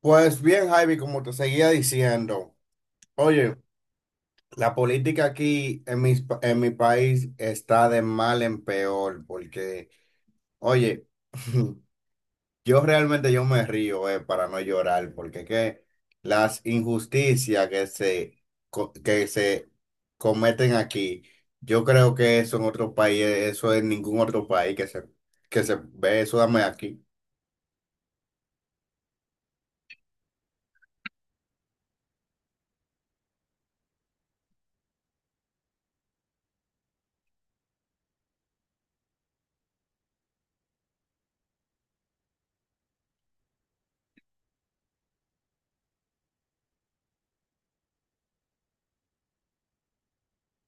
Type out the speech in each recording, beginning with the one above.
Pues bien, Javi, como te seguía diciendo, oye, la política aquí en en mi país está de mal en peor, porque, oye, yo realmente yo me río, para no llorar, porque que las injusticias que se, que se cometen aquí, yo creo que eso en otro país, eso en ningún otro país que se ve, eso dame aquí.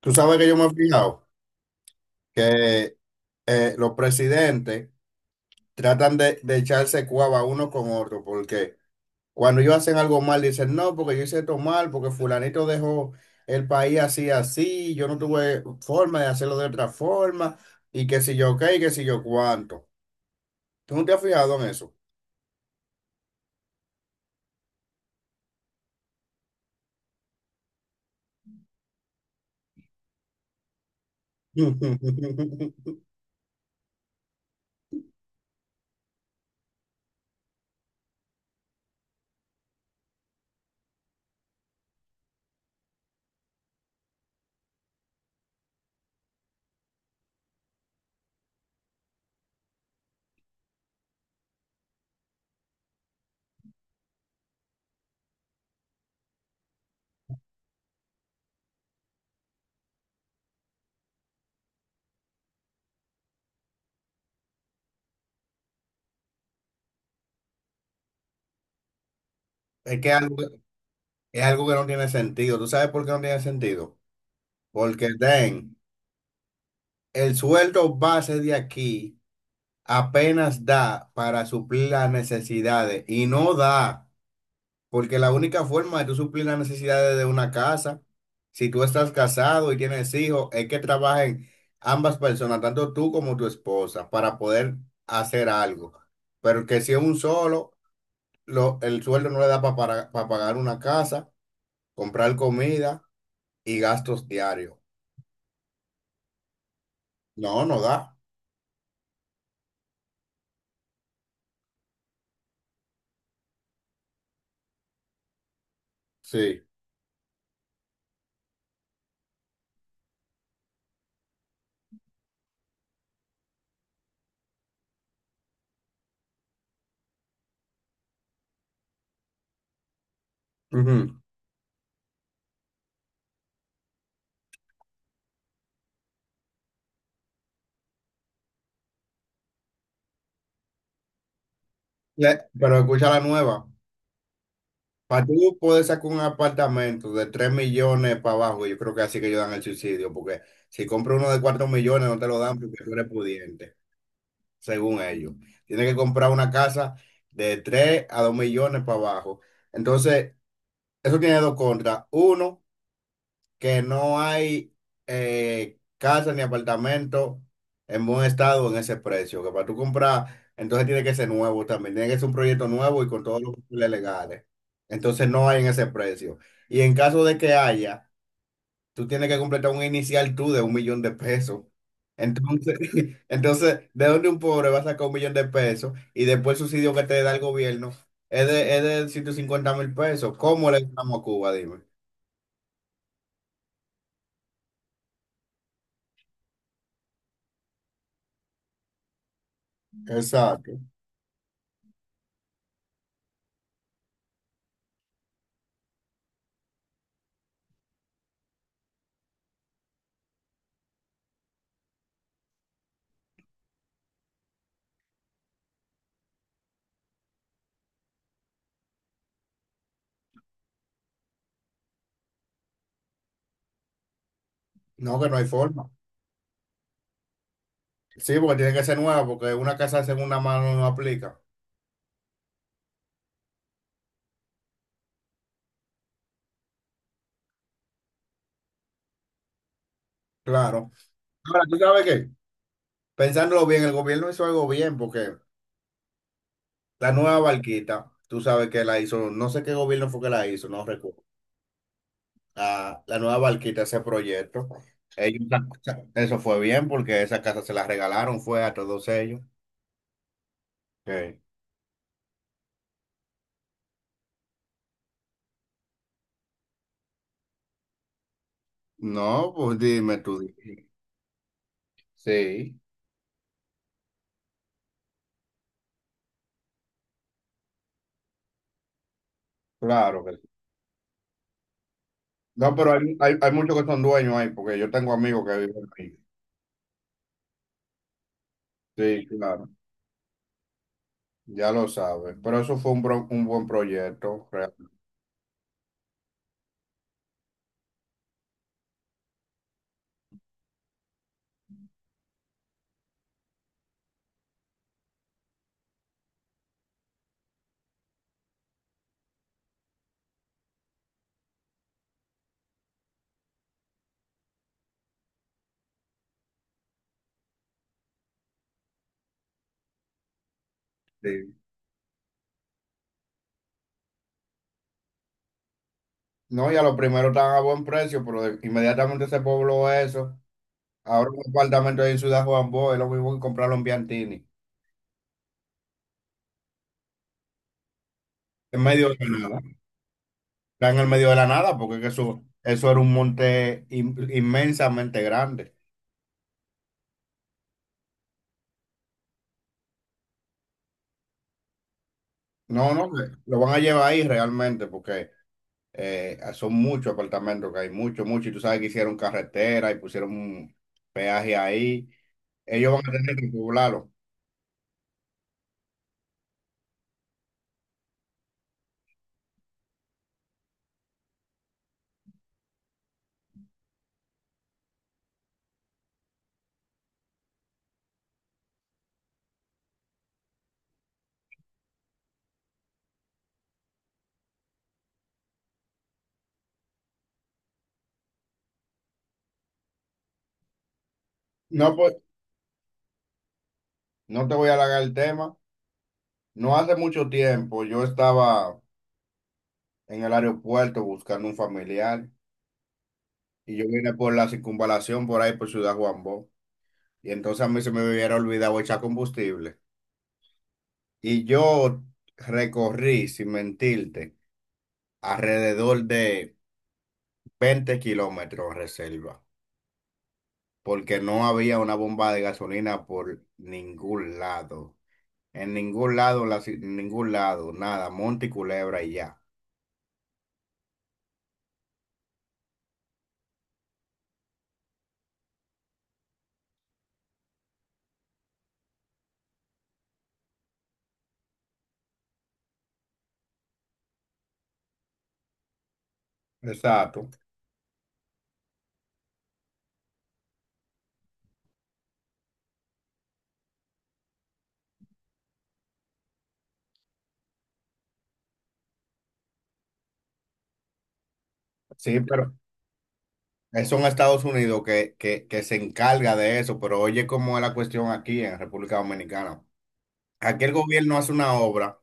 Tú sabes que yo me he fijado que los presidentes tratan de echarse cuava uno con otro, porque cuando ellos hacen algo mal, dicen, no, porque yo hice esto mal, porque fulanito dejó el país así, así, yo no tuve forma de hacerlo de otra forma, y que si yo qué, y que si yo cuánto. ¿Tú no te has fijado en eso? Es que algo- es algo que no tiene sentido. ¿Tú sabes por qué no tiene sentido? Porque, den, el sueldo base de aquí apenas da para suplir las necesidades y no da. Porque la única forma de tú suplir las necesidades de una casa, si tú estás casado y tienes hijos, es que trabajen ambas personas, tanto tú como tu esposa, para poder hacer algo. Pero que si es un solo, el sueldo no le da para pagar una casa, comprar comida y gastos diarios. No, no da. Sí. Ujú. Pero escucha la nueva. Para tú poder sacar un apartamento de 3 millones para abajo, yo creo que así que ellos dan el subsidio, porque si compras uno de 4 millones no te lo dan porque tú eres pudiente, según ellos. Tienes que comprar una casa de 3 a 2 millones para abajo. Entonces, eso tiene dos contras. Uno, que no hay casa ni apartamento en buen estado en ese precio, que para tú comprar, entonces tiene que ser nuevo también, tiene que ser un proyecto nuevo y con todos los papeles legales. Entonces no hay en ese precio. Y en caso de que haya, tú tienes que completar un inicial tú de 1 millón de pesos. Entonces, entonces, ¿de dónde un pobre va a sacar 1 millón de pesos y después el subsidio que te da el gobierno es de 150 mil pesos? ¿Cómo le damos a Cuba? Dime. Exacto. No, que no hay forma. Sí, porque tiene que ser nueva, porque una casa en una mano no aplica. Claro. Ahora, ¿tú sabes qué? Pensándolo bien, el gobierno hizo algo bien, porque la nueva barquita, tú sabes que la hizo, no sé qué gobierno fue que la hizo, no recuerdo. Ah, la nueva barquita, ese proyecto, ellos, eso fue bien, porque esa casa se la regalaron, fue a todos ellos. Sí. No, pues dime tú. Dime. Sí, claro que sí. No, pero hay muchos que son dueños ahí, porque yo tengo amigos que viven ahí. Sí, claro. Ya lo sabes, pero eso fue un, un buen proyecto, realmente. Sí. No, y a los primeros estaban a buen precio, pero inmediatamente se pobló eso. Ahora un apartamento ahí en Ciudad Juan Bosch es lo mismo que comprarlo en Biantini, en medio de la nada. Está en el medio de la nada, porque es que eso era un monte inmensamente grande. No, no, que lo van a llevar ahí realmente, porque son muchos apartamentos que hay, muchos, muchos. Y tú sabes que hicieron carretera y pusieron un peaje ahí. Ellos van a tener que poblarlo. No, po- No te voy a alargar el tema. No hace mucho tiempo yo estaba en el aeropuerto buscando un familiar y yo vine por la circunvalación por ahí por Ciudad Juan Bó. Y entonces a mí se me hubiera olvidado echar combustible. Y yo recorrí, sin mentirte, alrededor de 20 kilómetros reserva, porque no había una bomba de gasolina por ningún lado. En ningún lado, en ningún lado, nada, monte y culebra y ya. Exacto. Sí, pero eso en Estados Unidos que se encarga de eso, pero oye cómo es la cuestión aquí en República Dominicana. Aquí el gobierno hace una obra,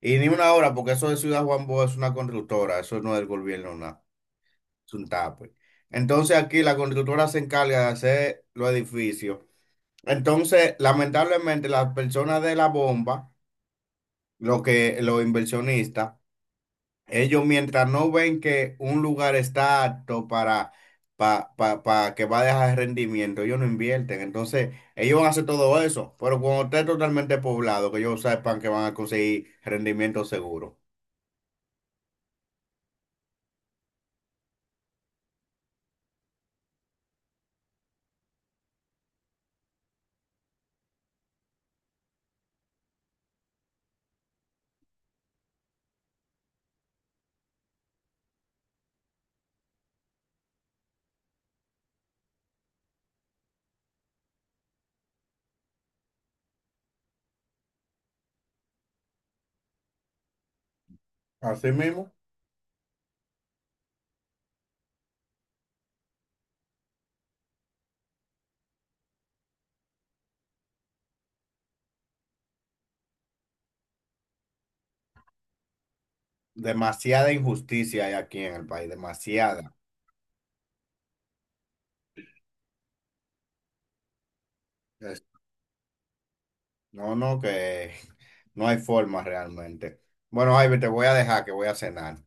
y ni una obra, porque eso de Ciudad Juan Bosch es una constructora, eso no es del gobierno, nada, es un tape. Entonces aquí la constructora se encarga de hacer los edificios. Entonces, lamentablemente, las personas de la bomba, lo que, los inversionistas, ellos mientras no ven que un lugar está apto para, pa que va a dejar rendimiento, ellos no invierten. Entonces, ellos van a hacer todo eso. Pero cuando esté totalmente poblado, que ellos sepan que van a conseguir rendimiento seguro. Así mismo. Demasiada injusticia hay aquí en el país, demasiada. Es- No, no, que no hay forma realmente. Bueno, Ivy, te voy a dejar que voy a cenar. Nos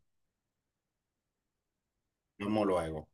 vemos luego.